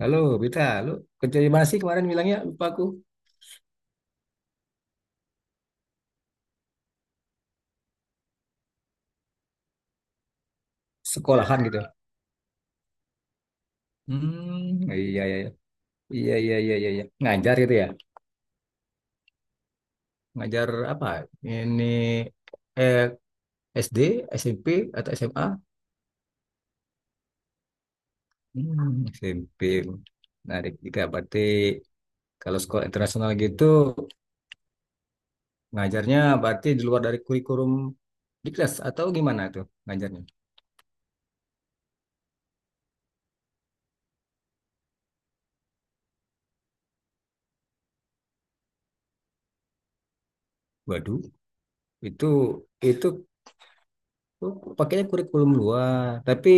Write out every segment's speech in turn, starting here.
Halo, Bita, lu kerja di mana sih kemarin bilangnya? Lupa aku. Sekolahan gitu. Hmm, iya, iya, iya. Iya, iya, iya, iya, iya. Ngajar gitu ya? Ngajar apa? Ini eh, SD, SMP, atau SMA? Hmm, SMP. Menarik juga. Berarti kalau sekolah internasional gitu, ngajarnya berarti di luar dari kurikulum di kelas atau gimana tuh ngajarnya? Waduh, itu itu tuh pakainya kurikulum luar, tapi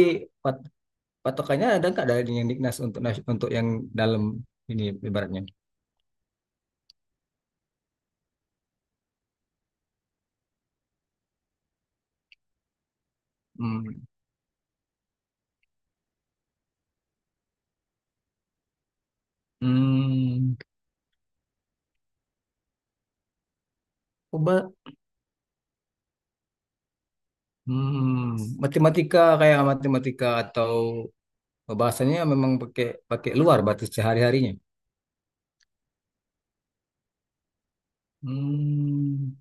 patokannya ada nggak dari yang Dignas untuk untuk yang dalam ini ibaratnya? Hmm, hmm, coba, matematika kayak matematika atau bahasanya memang pakai pakai luar batas sehari-harinya. Hmm,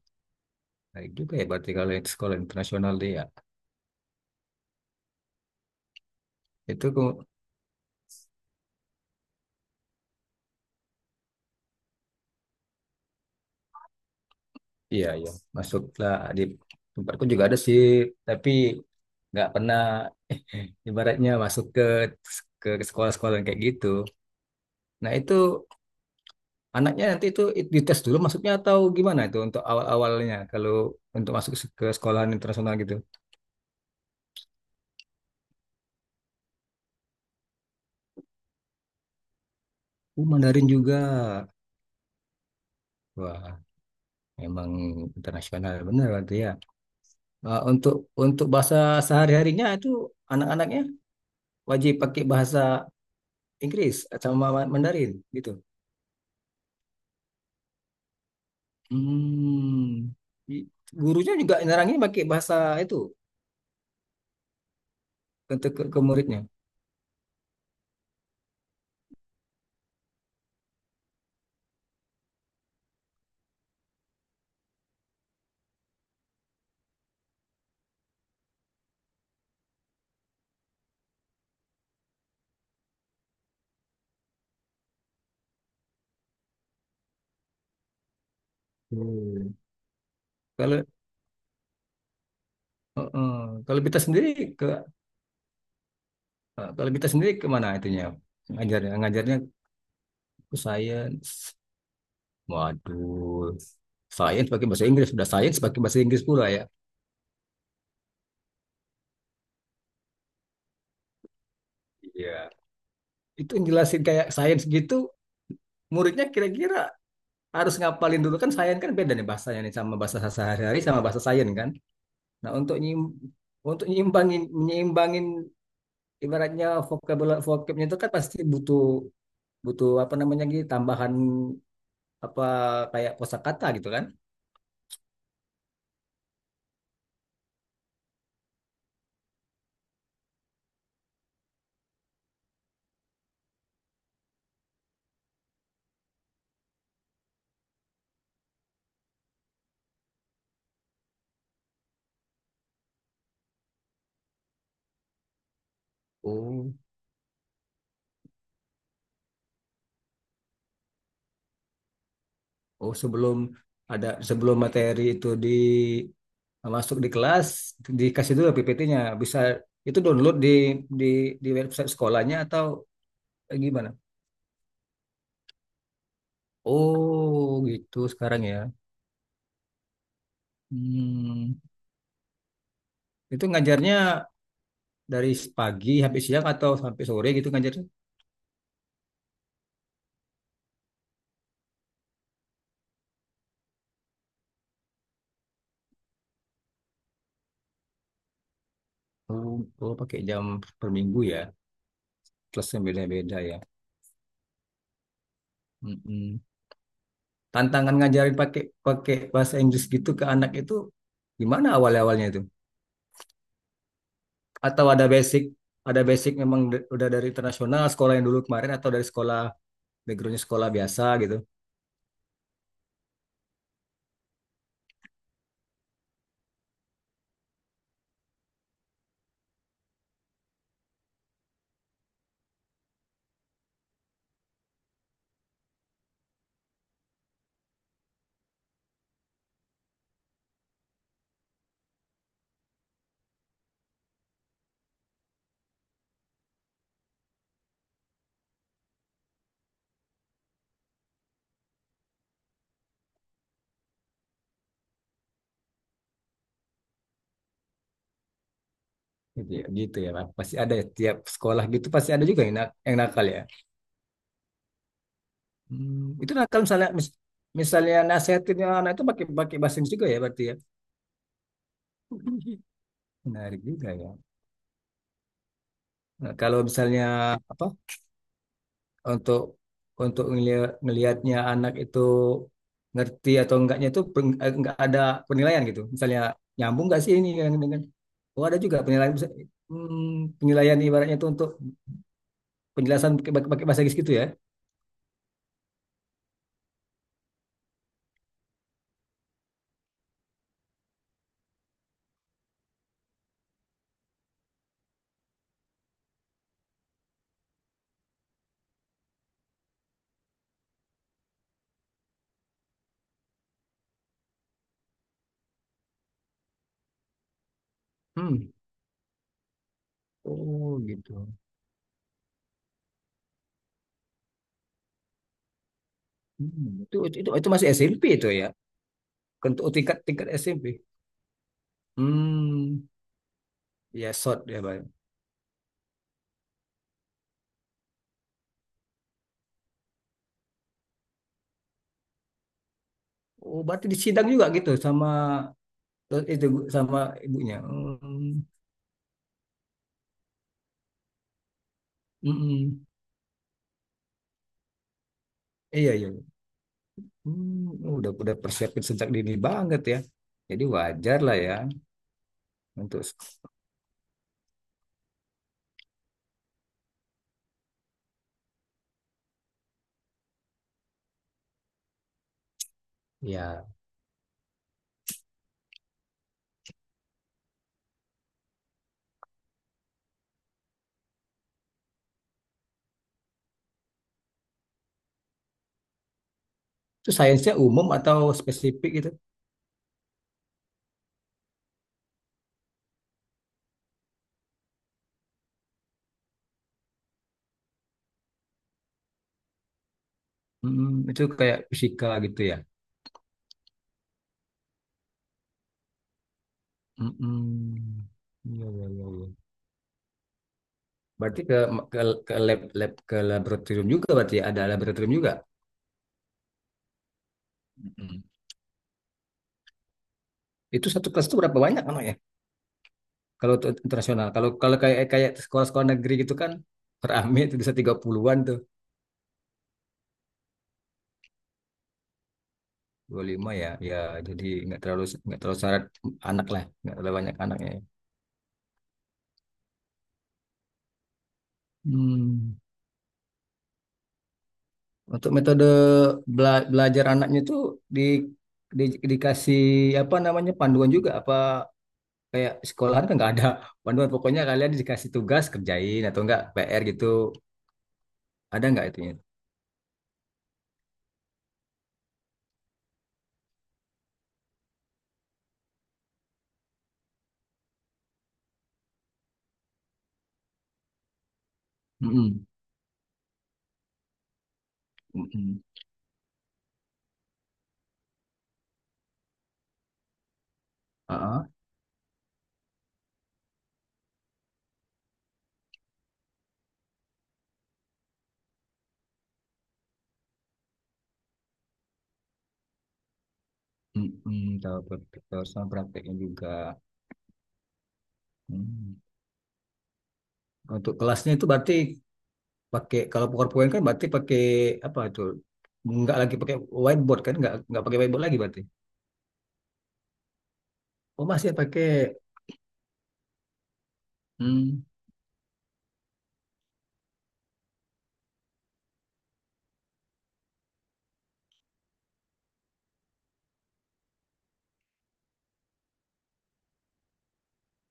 baik juga ya berarti kalau yang sekolah internasional dia ya. Itu kok iya, iya, masuklah di tempatku juga ada sih, tapi nggak pernah ibaratnya masuk ke sekolah-sekolah yang kayak gitu. Nah, itu anaknya nanti itu dites dulu masuknya atau gimana itu untuk awal-awalnya kalau untuk masuk ke sekolahan internasional gitu. Mandarin juga. Wah, emang internasional bener berarti ya. Uh, untuk untuk bahasa sehari-harinya itu anak-anaknya wajib pakai bahasa Inggris sama Mandarin gitu. Hmm. I- Gurunya juga nerangin pakai bahasa itu untuk ke muridnya. Hmm. Kalau uh-uh. Kalau kita sendiri Nah, kalau kita sendiri kemana itunya? Ngajarnya ke sains. Waduh, sains pakai bahasa Inggris. Sudah sains pakai bahasa Inggris pula ya. Iya. Itu yang jelasin kayak sains gitu, muridnya kira-kira harus ngapalin dulu kan sains kan beda nih bahasanya nih sama bahasa sehari-hari sama bahasa sains kan. Nah, untuk nyim untuk nyimbangin menyeimbangin ibaratnya vocabnya itu kan pasti butuh butuh apa namanya gitu tambahan apa kayak kosakata gitu kan. Oh. Oh, sebelum materi itu di masuk di kelas dikasih dulu PPT-nya. Bisa itu download di di website sekolahnya atau gimana? Oh, gitu sekarang ya. Hmm, itu ngajarnya dari pagi sampai siang atau sampai sore gitu ngajarnya? Oh, oh pakai jam per minggu ya. Kelasnya beda-beda ya. Mm-mm. Tantangan ngajarin pakai pakai bahasa Inggris gitu ke anak itu gimana awal-awalnya itu? Atau ada basic memang udah dari internasional sekolah yang dulu kemarin atau dari sekolah backgroundnya sekolah biasa gitu. Gitu ya, gitu ya Pak. Pasti ada ya, tiap sekolah gitu pasti ada juga yang, yang nakal ya. Itu nakal misalnya misalnya nasihatinnya anak itu pakai pakai bahasa Inggris juga ya berarti ya. Menarik juga ya. Nah, kalau misalnya apa untuk untuk ngelihatnya anak itu ngerti atau enggaknya itu enggak ada penilaian gitu. Misalnya nyambung enggak sih ini dengan. Oh, ada juga penilaian, penilaian ibaratnya itu untuk penjelasan pakai bahasa Inggris gitu ya. Hmm. Oh gitu. Hmm. Itu masih SMP itu ya. Untuk tingkat tingkat SMP. Hmm. Ya short ya Bang. Oh, berarti disidang juga gitu sama itu sama ibunya. Hmm. Mm-mm. Iya iya. Udah persiapin sejak dini banget ya. Jadi wajar lah ya untuk ya itu sainsnya umum atau spesifik gitu. Mm-mm, itu kayak fisika gitu ya. Mm-mm. Iya, iya, iya, iya. Berarti ke ke laboratorium juga berarti ya? Ada laboratorium juga. Mm-mm. Itu satu kelas itu berapa banyak anaknya? Kalau untuk internasional, kalau kalau kayak kayak sekolah-sekolah negeri gitu kan rame itu bisa 30-an tuh. Dua puluh lima ya, ya jadi nggak terlalu syarat anak lah, nggak terlalu banyak anaknya, ya. Hmm. Untuk metode belajar anaknya itu di, dikasih apa namanya panduan juga apa kayak sekolahan kan nggak ada panduan pokoknya kalian dikasih tugas kerjain atau enggak PR gitu ada nggak itunya? Mm-mm. Mm-mm. Heeh. Mm-mm, tahu sama prakteknya juga. Hmm. Untuk kelasnya itu berarti pakai kalau PowerPoint kan berarti pakai apa itu nggak lagi pakai whiteboard kan nggak pakai whiteboard lagi berarti. Oh, masih pakai. hmm,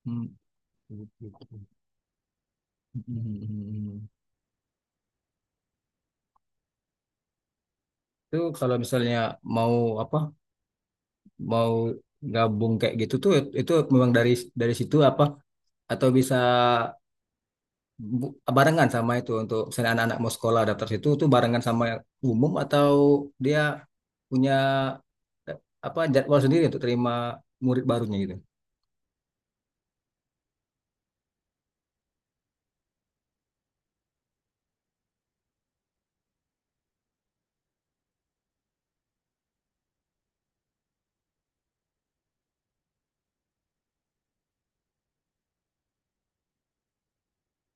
hmm, itu kalau misalnya mau apa mau gabung kayak gitu tuh itu memang dari situ apa atau bisa barengan sama itu untuk misalnya anak-anak mau sekolah daftar situ tuh barengan sama yang umum atau dia punya eh, apa jadwal sendiri untuk terima murid barunya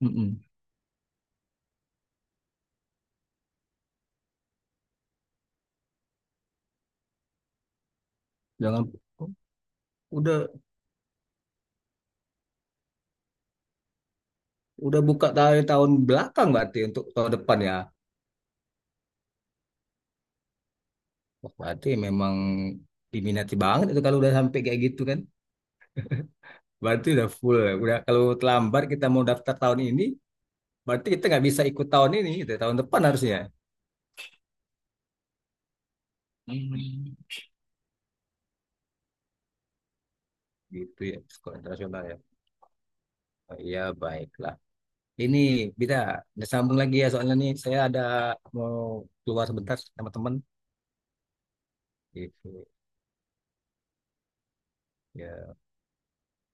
gitu. Jangan udah udah buka dari tahun belakang berarti untuk tahun depan ya. Wah, berarti memang diminati banget itu kalau udah sampai kayak gitu kan. Berarti udah full, ya. Udah kalau terlambat kita mau daftar tahun ini, berarti kita nggak bisa ikut tahun ini, gitu. Tahun depan harusnya. Hmm. Gitu ya, sekolah internasional ya. Oh, iya, baiklah. Ini bisa udah sambung lagi ya soalnya nih saya ada mau keluar sebentar sama teman gitu. Ya.